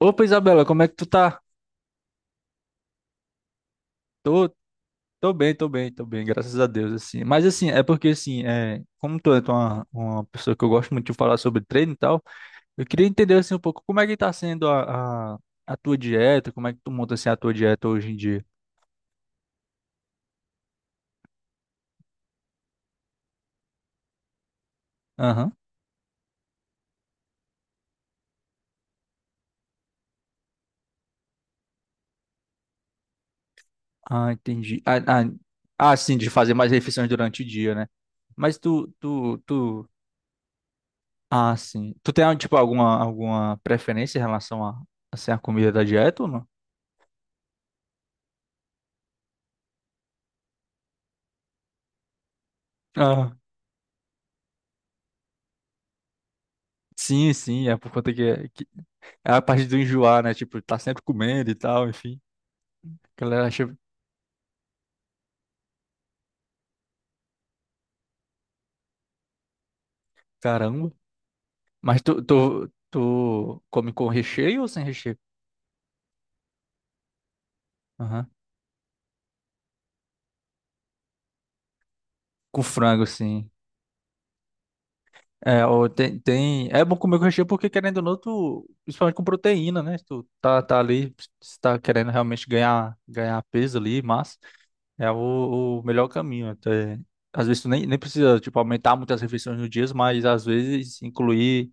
Opa, Isabela, como é que tu tá? Tô, Tô bem, tô bem, tô bem, graças a Deus, assim. Mas, assim, é porque, assim, como tu é uma pessoa que eu gosto muito de falar sobre treino e tal, eu queria entender, assim, um pouco como é que tá sendo a tua dieta, como é que tu monta, assim, a tua dieta hoje em dia. Aham. Ah, entendi. Ah, sim, de fazer mais refeições durante o dia, né? Mas tu... Ah, sim. Tu tem, tipo, alguma preferência em relação a, assim, a comida da dieta ou não? Ah, sim, sim, é por conta que É a parte do enjoar, né? Tipo, tá sempre comendo e tal, enfim. A galera acha, caramba. Mas tu come com recheio ou sem recheio? Aham. Com frango, sim. É, ou tem... é bom comer com recheio porque, querendo ou não, tu... principalmente com proteína, né? Tu tá ali, se tá querendo realmente ganhar peso ali, massa. É o melhor caminho. Até... Às vezes tu nem precisa, tipo, aumentar muitas refeições no dia, mas às vezes incluir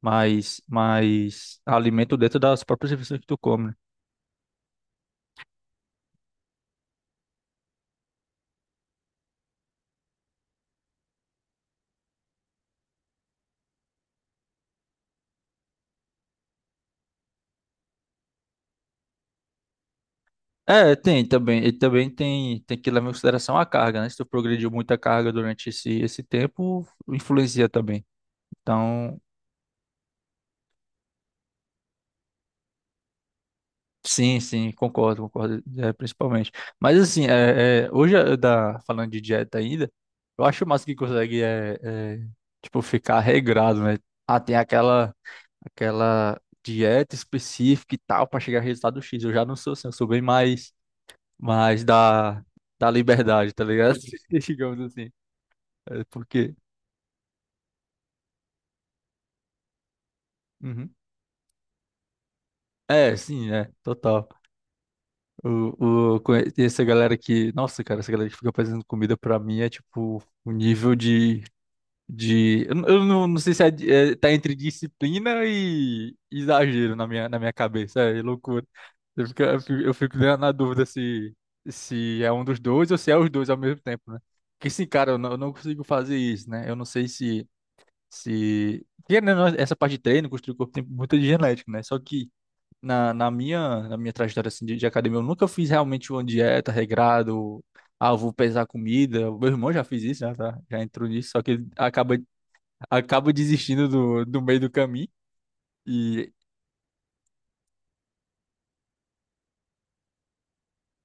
mais alimento dentro das próprias refeições que tu come, né? É, tem também. E também tem que levar em consideração a carga, né? Se tu progrediu muita carga durante esse tempo, influencia também. Então, sim, sim, concordo, concordo, principalmente. Mas assim, hoje, falando de dieta ainda, eu acho massa que consegue, tipo, ficar regrado, né? Ah, tem aquela dieta específica e tal para chegar a resultado X. Eu já não sou assim, eu sou bem mais. Mas da liberdade, tá ligado? Digamos assim. É porque. Uhum. É, sim, total. E essa galera que. Nossa, cara, essa galera que fica fazendo comida pra mim é tipo o nível de. De eu não sei se é, tá entre disciplina e exagero na minha cabeça. É loucura. Eu fico na dúvida se, se é um dos dois ou se é os dois ao mesmo tempo, né? Porque sim, cara, eu não consigo fazer isso, né? Eu não sei se. Se. Querendo, ou não, essa parte de treino, construir o corpo, tem muita de genética, né? Só que na minha trajetória assim, de academia, eu nunca fiz realmente uma dieta regrado. Ah, eu vou pesar comida. O meu irmão já fez isso, né? Tá? Já entrou nisso, só que ele acaba desistindo do meio do caminho. E.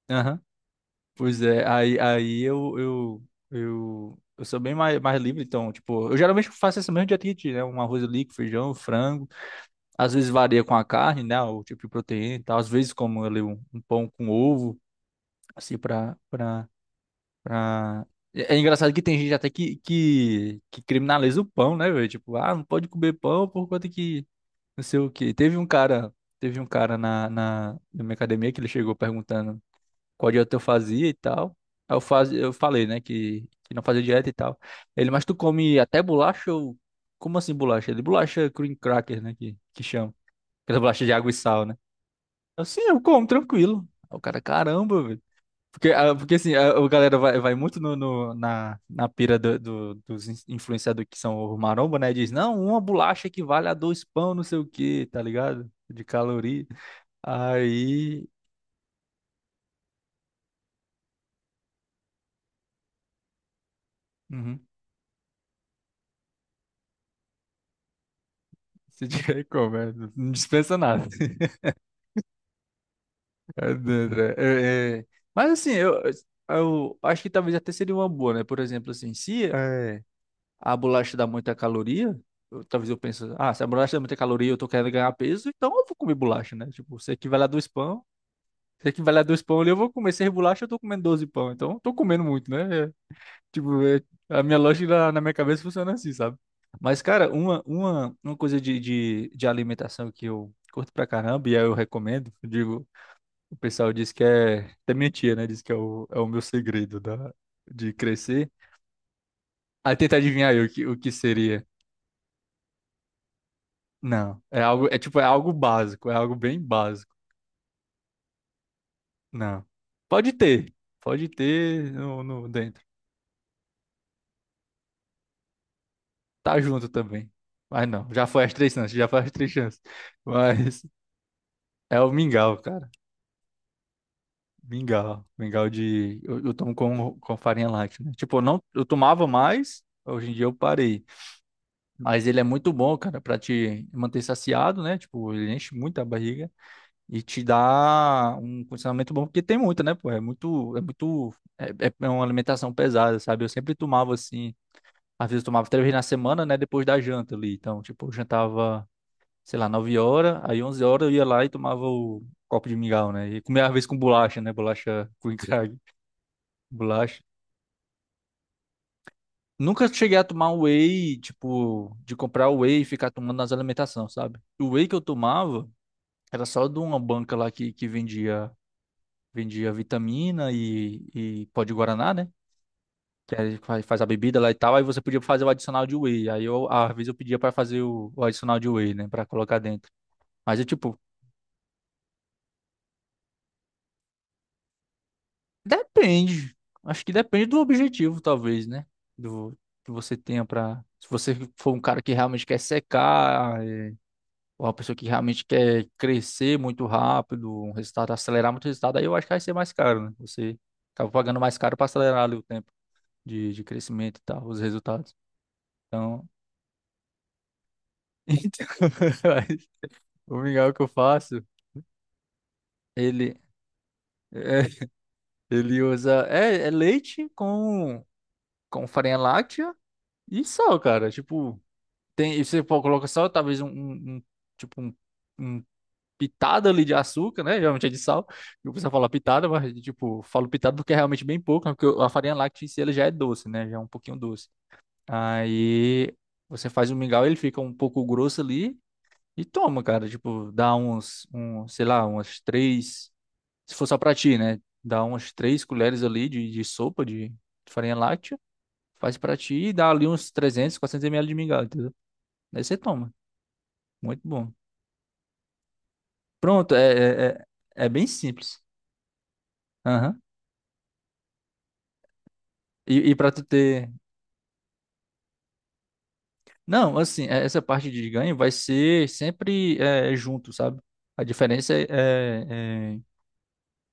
Aham. Pois é, aí eu sou bem mais livre, então, tipo, eu geralmente faço essa mesma dieta que, tu, né? Um arroz líquido, feijão, frango. Às vezes varia com a carne, né? O tipo de proteína e tal. Às vezes como ali um, pão com ovo, assim, pra... É engraçado que tem gente até que criminaliza o pão, né, velho? Tipo, ah, não pode comer pão por conta que não sei o quê. Teve um cara na minha academia que ele chegou perguntando qual dieta eu fazia e tal. Aí eu, faz, eu falei, né, que não fazia dieta e tal. Ele, mas tu come até bolacha ou... Como assim bolacha? Ele, bolacha cream cracker, né, que chama. Aquela bolacha de água e sal, né? Sim, eu como, tranquilo. Aí o cara, caramba, velho. Porque assim, a galera vai muito na pira dos influenciadores que são o maromba, né? Diz, não, uma bolacha equivale a dois pão, não sei o quê, tá ligado? De caloria. Aí. Uhum. Se tiver como, não dispensa nada. É, dentro, é. Mas assim, eu acho que talvez até seria uma boa, né? Por exemplo, assim, se. A bolacha dá muita caloria, talvez eu pense, ah, se a bolacha dá muita caloria, e eu tô querendo ganhar peso, então eu vou comer bolacha, né? Tipo, se equivale a dois pão, se equivale a dois pão ali, eu vou comer seis bolachas, eu tô comendo 12 pão, então eu tô comendo muito, né? É, tipo, a minha lógica na minha cabeça funciona assim, sabe? Mas, cara, uma coisa de alimentação que eu curto pra caramba, e aí eu recomendo, eu digo, o pessoal diz que é, até minha tia, né, diz que é é o meu segredo da, de crescer. Aí tenta adivinhar aí o que seria. Não, é algo, é tipo, é algo básico, é algo bem básico. Não. Pode ter, pode ter no, no dentro. Tá junto também. Mas não, já foi as três chances, já foi as três chances. Mas é o mingau, cara. Mingau, mingau de eu tomo com farinha láctea, né? Tipo, eu não, eu tomava mais, hoje em dia eu parei. Mas ele é muito bom, cara, pra te manter saciado, né? Tipo, ele enche muito a barriga. E te dá um condicionamento bom, porque tem muito, né, pô? É muito, uma alimentação pesada, sabe? Eu sempre tomava assim, às vezes eu tomava 3 vezes na semana, né, depois da janta ali. Então, tipo, eu jantava, sei lá, 9 horas, aí 11 horas eu ia lá e tomava o copo de mingau, né? E comia às vezes com bolacha, né? Bolacha com encalhe, bolacha. Nunca cheguei a tomar um whey, tipo, de comprar whey e ficar tomando nas alimentações, sabe? O whey que eu tomava era só de uma banca lá que Vendia vitamina e pó de guaraná, né? Que aí faz a bebida lá e tal. Aí você podia fazer o adicional de whey. Aí eu, às vezes, eu pedia pra fazer o adicional de whey, né? Pra colocar dentro. Mas é tipo, depende. Acho que depende do objetivo, talvez, né? Do que você tenha pra. Se você for um cara que realmente quer secar, ou uma pessoa que realmente quer crescer muito rápido, um resultado, acelerar muito o resultado, aí eu acho que vai ser mais caro, né? Você acaba pagando mais caro pra acelerar ali o tempo de crescimento e tal, os resultados. Então, então o mingau que eu faço, ele é, ele usa é leite com farinha láctea e sal, cara. Tipo, tem e você coloca sal, talvez tipo um pitada ali de açúcar, né? Geralmente é de sal. Eu pessoal fala pitada, mas tipo, falo pitada porque é realmente bem pouco, né? Porque a farinha láctea em si ela já é doce, né? Já é um pouquinho doce. Aí você faz o mingau, ele fica um pouco grosso ali. E toma, cara, tipo, dá uns, um, sei lá, umas três, se for só pra ti, né? Dá umas três colheres ali de sopa de farinha láctea, faz pra ti e dá ali uns 300-400 ml de mingau, entendeu? Aí você toma. Muito bom. Pronto, é bem simples. Aham. Pra tu ter... Não, assim, essa parte de ganho vai ser sempre junto, sabe? A diferença é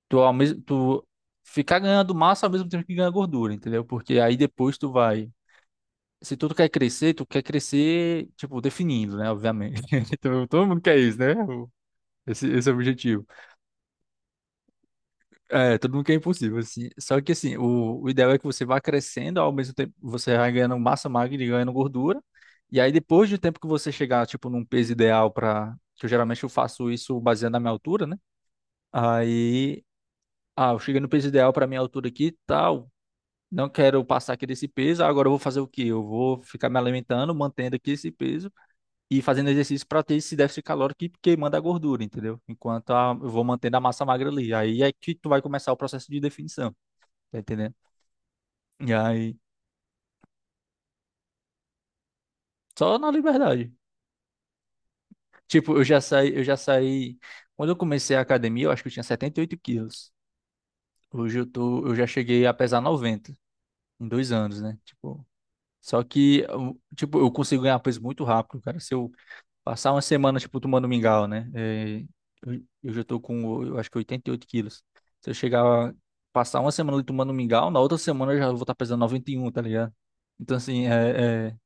tu, ao mesmo, tu ficar ganhando massa ao mesmo tempo que ganha gordura, entendeu? Porque aí depois tu vai se tu quer crescer, tu quer crescer, tipo, definindo, né? Obviamente. Então, todo mundo quer isso, né? O- Esse é o objetivo. É, todo mundo quer impossível, assim. Só que, assim, o ideal é que você vá crescendo, ao mesmo tempo você vai ganhando massa magra e ganhando gordura. E aí, depois do tempo que você chegar, tipo, num peso ideal para... Que eu, geralmente eu faço isso baseado na minha altura, né? Aí, ah, eu cheguei no peso ideal para minha altura aqui e tal. Não quero passar aqui desse peso, agora eu vou fazer o quê? Eu vou ficar me alimentando, mantendo aqui esse peso e fazendo exercício para ter esse déficit calórico que queimando a gordura, entendeu? Enquanto eu vou mantendo a massa magra ali. Aí é que tu vai começar o processo de definição, tá entendendo? E aí, só na liberdade. Tipo, eu já saí, eu já saí. Quando eu comecei a academia, eu acho que eu tinha 78 quilos. Hoje eu tô, eu já cheguei a pesar 90 em 2 anos, né? Tipo, só que, tipo, eu consigo ganhar peso muito rápido, cara. Se eu passar uma semana, tipo, tomando mingau, né? É, eu já tô com, eu acho que 88 quilos. Se eu chegar, a passar uma semana ali tomando mingau, na outra semana eu já vou estar pesando 91, tá ligado? Então, assim,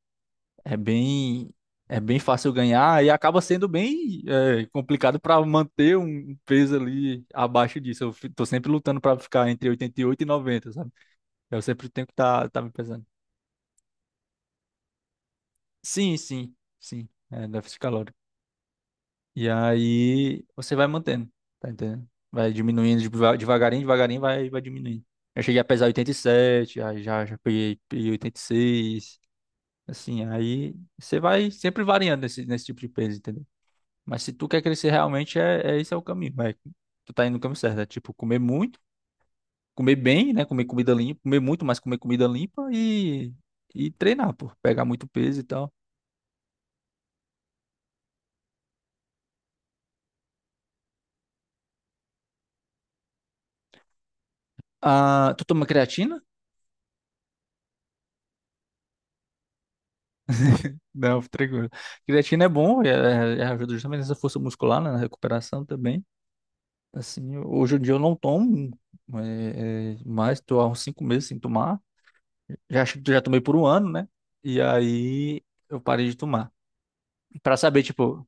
é bem, é bem fácil ganhar e acaba sendo bem complicado para manter um peso ali abaixo disso. Tô sempre lutando para ficar entre 88 e 90, sabe? Eu sempre tenho que estar tá me pesando. Sim, sim, sim. É, déficit calórico. E aí você vai mantendo, tá entendendo? Vai diminuindo devagarinho, devagarinho, vai, vai diminuindo. Eu cheguei a pesar 87 aí já, já peguei, peguei 86 assim, aí você vai sempre variando nesse, nesse tipo de peso, entendeu? Mas se tu quer crescer realmente, esse é o caminho, vai. Tu tá indo no caminho certo, é tipo comer muito, comer bem, né? Comer comida limpa, comer muito, mas comer comida limpa e treinar, pô, pegar muito peso e tal. Ah, tu toma creatina? Não, fica tranquilo. Creatina é bom, ajuda justamente nessa força muscular, né, na recuperação também. Assim, hoje em dia eu não tomo mais, estou há uns 5 meses sem tomar. Já, acho que já tomei por um ano, né? E aí eu parei de tomar. Pra saber, tipo,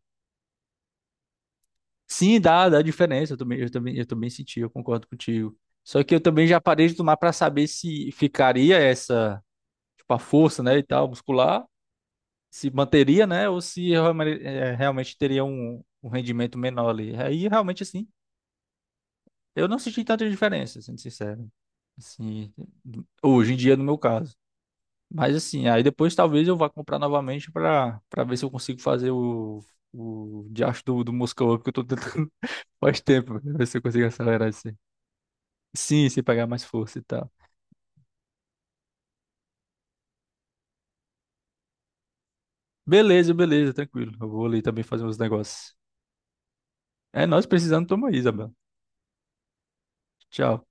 sim, dá, dá diferença. Eu também, eu também, eu também senti, eu concordo contigo. Só que eu também já parei de tomar pra saber se ficaria essa, tipo, a força, né, e tal, muscular, se manteria, né? Ou se realmente teria um, um rendimento menor ali. Aí realmente assim, eu não senti tanta diferença, sendo sincero. Assim, hoje em dia no meu caso. Mas assim, aí depois talvez eu vá comprar novamente para ver se eu consigo fazer o diacho do Moscow, porque eu tô tentando faz tempo, ver se eu consigo acelerar isso. Aí. Sim, se pegar mais força e tal. Beleza, beleza, tranquilo. Eu vou ali também fazer uns negócios. É, nós precisando toma aí, Isabel. Tchau.